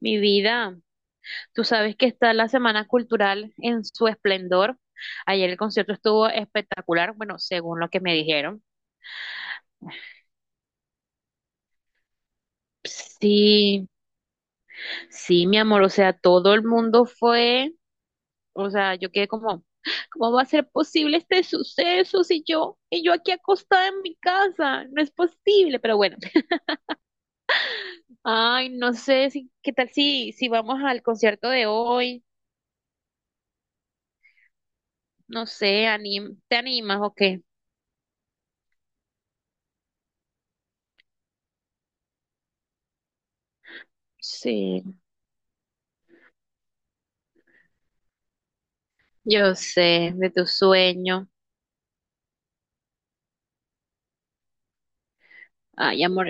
Mi vida, tú sabes que está la Semana Cultural en su esplendor. Ayer el concierto estuvo espectacular, bueno, según lo que me dijeron. Sí, sí, mi amor, o sea, todo el mundo fue, o sea, yo quedé como, ¿cómo va a ser posible este suceso si yo, y yo aquí acostada en mi casa? No es posible, pero bueno. Ay, no sé si, ¿qué tal si, si vamos al concierto de hoy? No sé, ¿te animas o qué? Sí. Yo sé, de tu sueño. Ay, amor.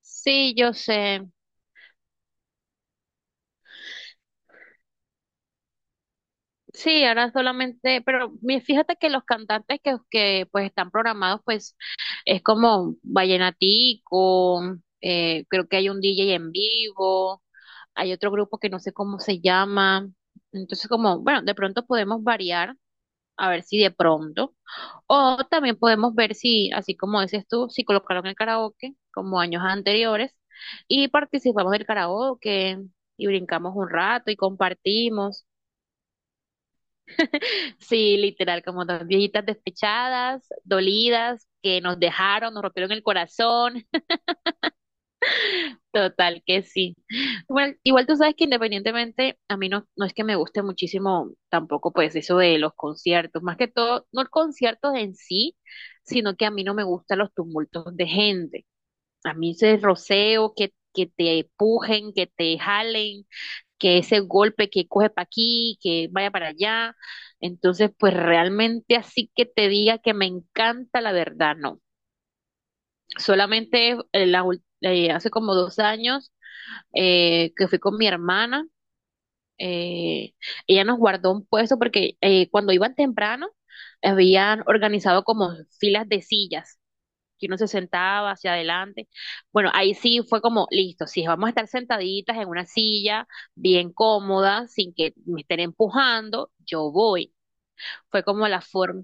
Sí, yo sé. Sí, ahora solamente, pero fíjate que los cantantes que pues están programados, pues es como Vallenatico, creo que hay un DJ en vivo, hay otro grupo que no sé cómo se llama. Entonces, como, bueno, de pronto podemos variar. A ver si de pronto. O también podemos ver si, así como dices tú, si colocaron el karaoke como años anteriores y participamos del karaoke y brincamos un rato y compartimos. Sí, literal, como dos viejitas despechadas, dolidas, que nos dejaron, nos rompieron el corazón. Total que sí. Bueno, igual tú sabes que independientemente, a mí no, no es que me guste muchísimo tampoco pues eso de los conciertos, más que todo, no el concierto en sí, sino que a mí no me gustan los tumultos de gente. A mí ese roceo, que te empujen, que te jalen, que ese golpe que coge para aquí, que vaya para allá. Entonces, pues realmente así que te diga que me encanta, la verdad, no. Solamente la hace como dos años que fui con mi hermana. eh, Ella nos guardó un puesto porque cuando iban temprano habían organizado como filas de sillas, que uno se sentaba hacia adelante. Bueno, ahí sí fue como, listo, si vamos a estar sentaditas en una silla bien cómoda, sin que me estén empujando, yo voy. Fue como la forma.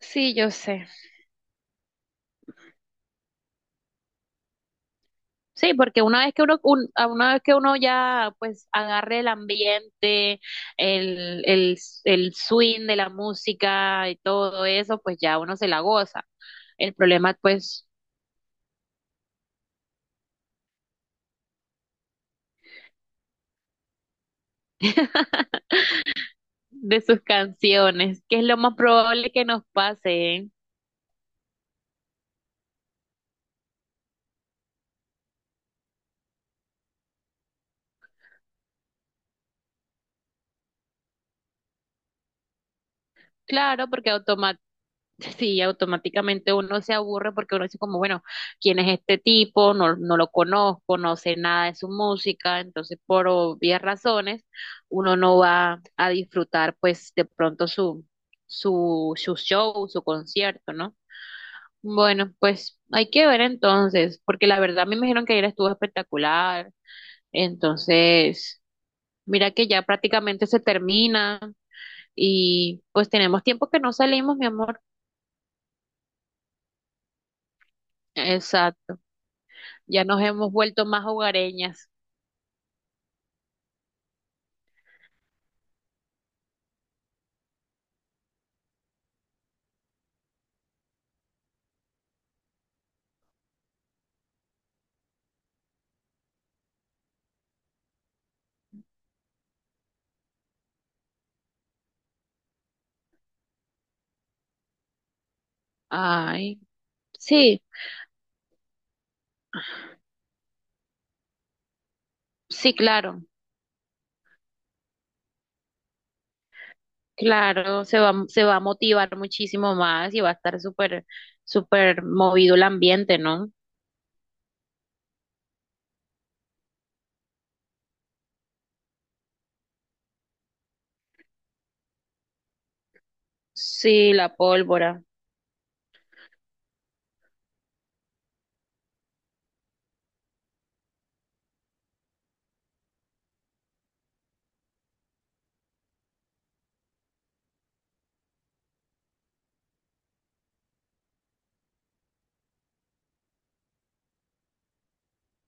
Sí, yo sé. Sí, porque una vez que uno, un- a una vez que uno ya pues agarre el ambiente, el, el, el swing de la música y todo eso, pues ya uno se la goza. El problema pues de sus canciones, que es lo más probable que nos pase, ¿eh? Claro, porque sí, automáticamente uno se aburre porque uno dice como, bueno, ¿quién es este tipo? No, no lo conozco, no sé nada de su música, entonces por obvias razones uno no va a disfrutar pues de pronto su, show, su concierto, ¿no? Bueno, pues hay que ver entonces, porque la verdad me dijeron que ayer estuvo espectacular, entonces mira que ya prácticamente se termina y pues tenemos tiempo que no salimos, mi amor. Exacto. Ya nos hemos vuelto más hogareñas. Ay, sí, sí, claro, claro, se va a motivar muchísimo más y va a estar súper, súper movido el ambiente, ¿no? Sí, la pólvora.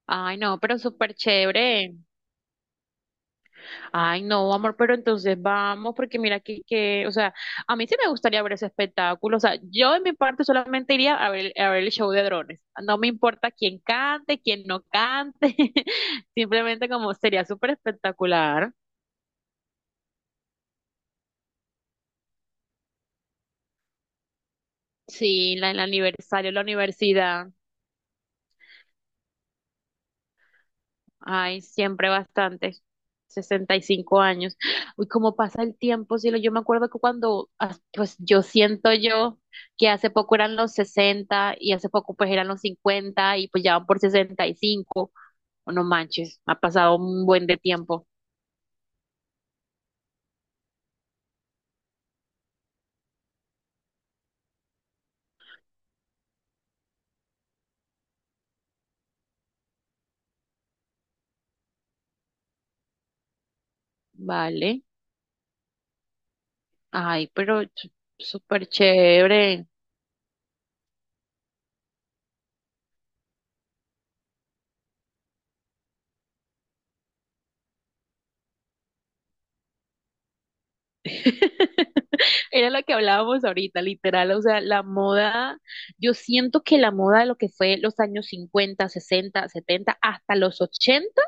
Ay, no, pero súper chévere. Ay, no, amor, pero entonces vamos, porque mira que, o sea, a mí sí me gustaría ver ese espectáculo, o sea, yo en mi parte solamente iría a ver el show de drones, no me importa quién cante, quién no cante, simplemente como sería súper espectacular, sí, la, el aniversario, la universidad. Ay, siempre bastante. 65 años. Uy, cómo pasa el tiempo, cielo. Yo me acuerdo que cuando, ah, pues yo siento yo que hace poco eran los 60 y hace poco pues eran los 50 y pues ya van por 65. Oh, no manches, ha pasado un buen de tiempo. Vale. Ay, pero súper chévere. Era lo que hablábamos ahorita, literal, o sea, la moda, yo siento que la moda de lo que fue los años 50, 60, 70, hasta los 80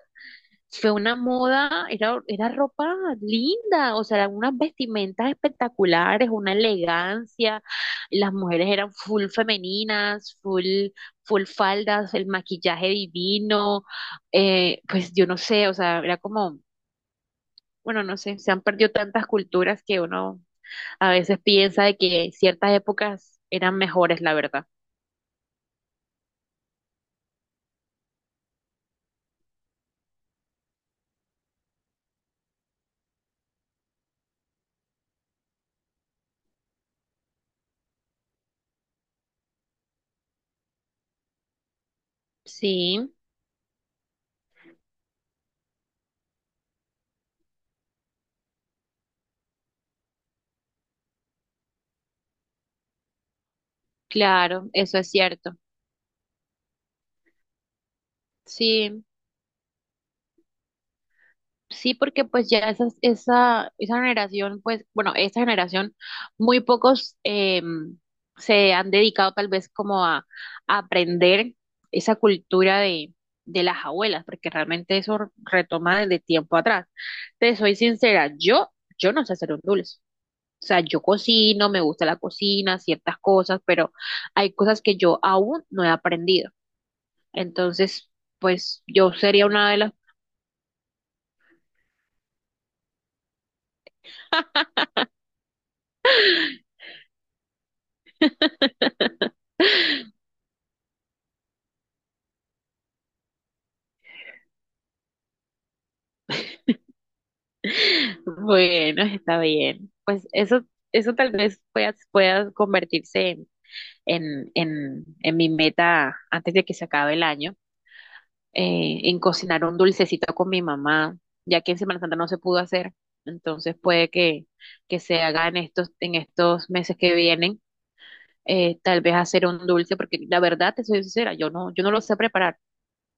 fue una moda, era ropa linda, o sea, eran unas vestimentas espectaculares, una elegancia, las mujeres eran full femeninas, full, full faldas, el maquillaje divino, pues yo no sé, o sea, era como... Bueno, no sé, se han perdido tantas culturas que uno a veces piensa de que ciertas épocas eran mejores, la verdad. Sí, claro, eso es cierto. Sí, sí, porque pues ya esa, esa generación, pues, bueno, esta generación, muy pocos se han dedicado tal vez como a aprender esa cultura de las abuelas, porque realmente eso retoma desde tiempo atrás. Te soy sincera, yo no sé hacer un dulce. O sea, yo cocino, me gusta la cocina, ciertas cosas, pero hay cosas que yo aún no he aprendido. Entonces, pues yo sería una de las... Bueno, está bien. Pues eso tal vez pueda, pueda convertirse en, en mi meta antes de que se acabe el año, en cocinar un dulcecito con mi mamá, ya que en Semana Santa no se pudo hacer. Entonces puede que se haga en estos meses que vienen tal vez hacer un dulce, porque la verdad, te soy sincera, yo no, yo no lo sé preparar.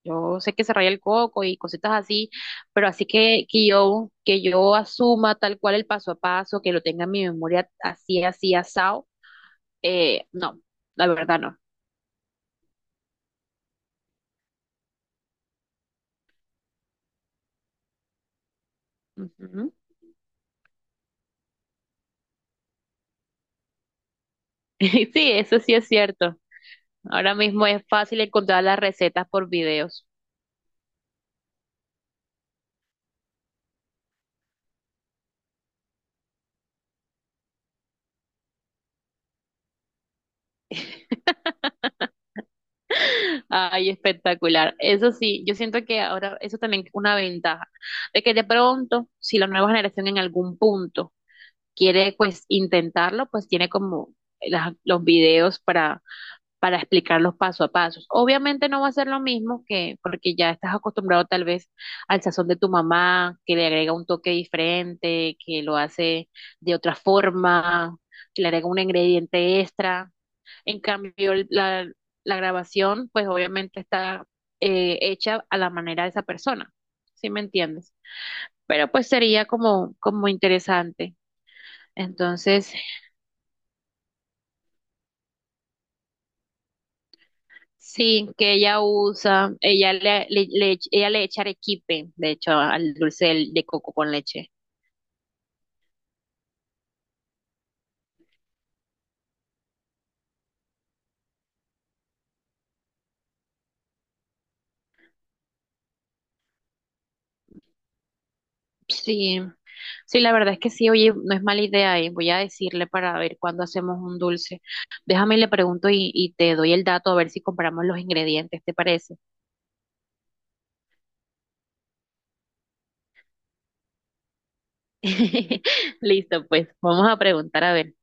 Yo sé que se raya el coco y cositas así, pero así que yo asuma tal cual el paso a paso, que lo tenga en mi memoria así, así, asado, no, la verdad no. Ujú. Sí, eso sí es cierto. Ahora mismo es fácil encontrar las recetas por videos. Ay, espectacular. Eso sí, yo siento que ahora eso también es una ventaja, de que de pronto, si la nueva generación en algún punto quiere pues intentarlo, pues tiene como los videos para explicarlos paso a paso. Obviamente no va a ser lo mismo que porque ya estás acostumbrado tal vez al sazón de tu mamá, que le agrega un toque diferente, que lo hace de otra forma, que le agrega un ingrediente extra. En cambio, la grabación pues obviamente está hecha a la manera de esa persona, ¿sí me entiendes? Pero pues sería como, como interesante. Entonces, sí, que ella usa, ella le, ella le echa arequipe, de hecho, al dulce de coco con leche. Sí, sí, la verdad es que sí, oye, no es mala idea, voy a decirle para ver cuándo hacemos un dulce. Déjame y le pregunto y te doy el dato a ver si compramos los ingredientes, ¿te parece? Listo, pues, vamos a preguntar a ver.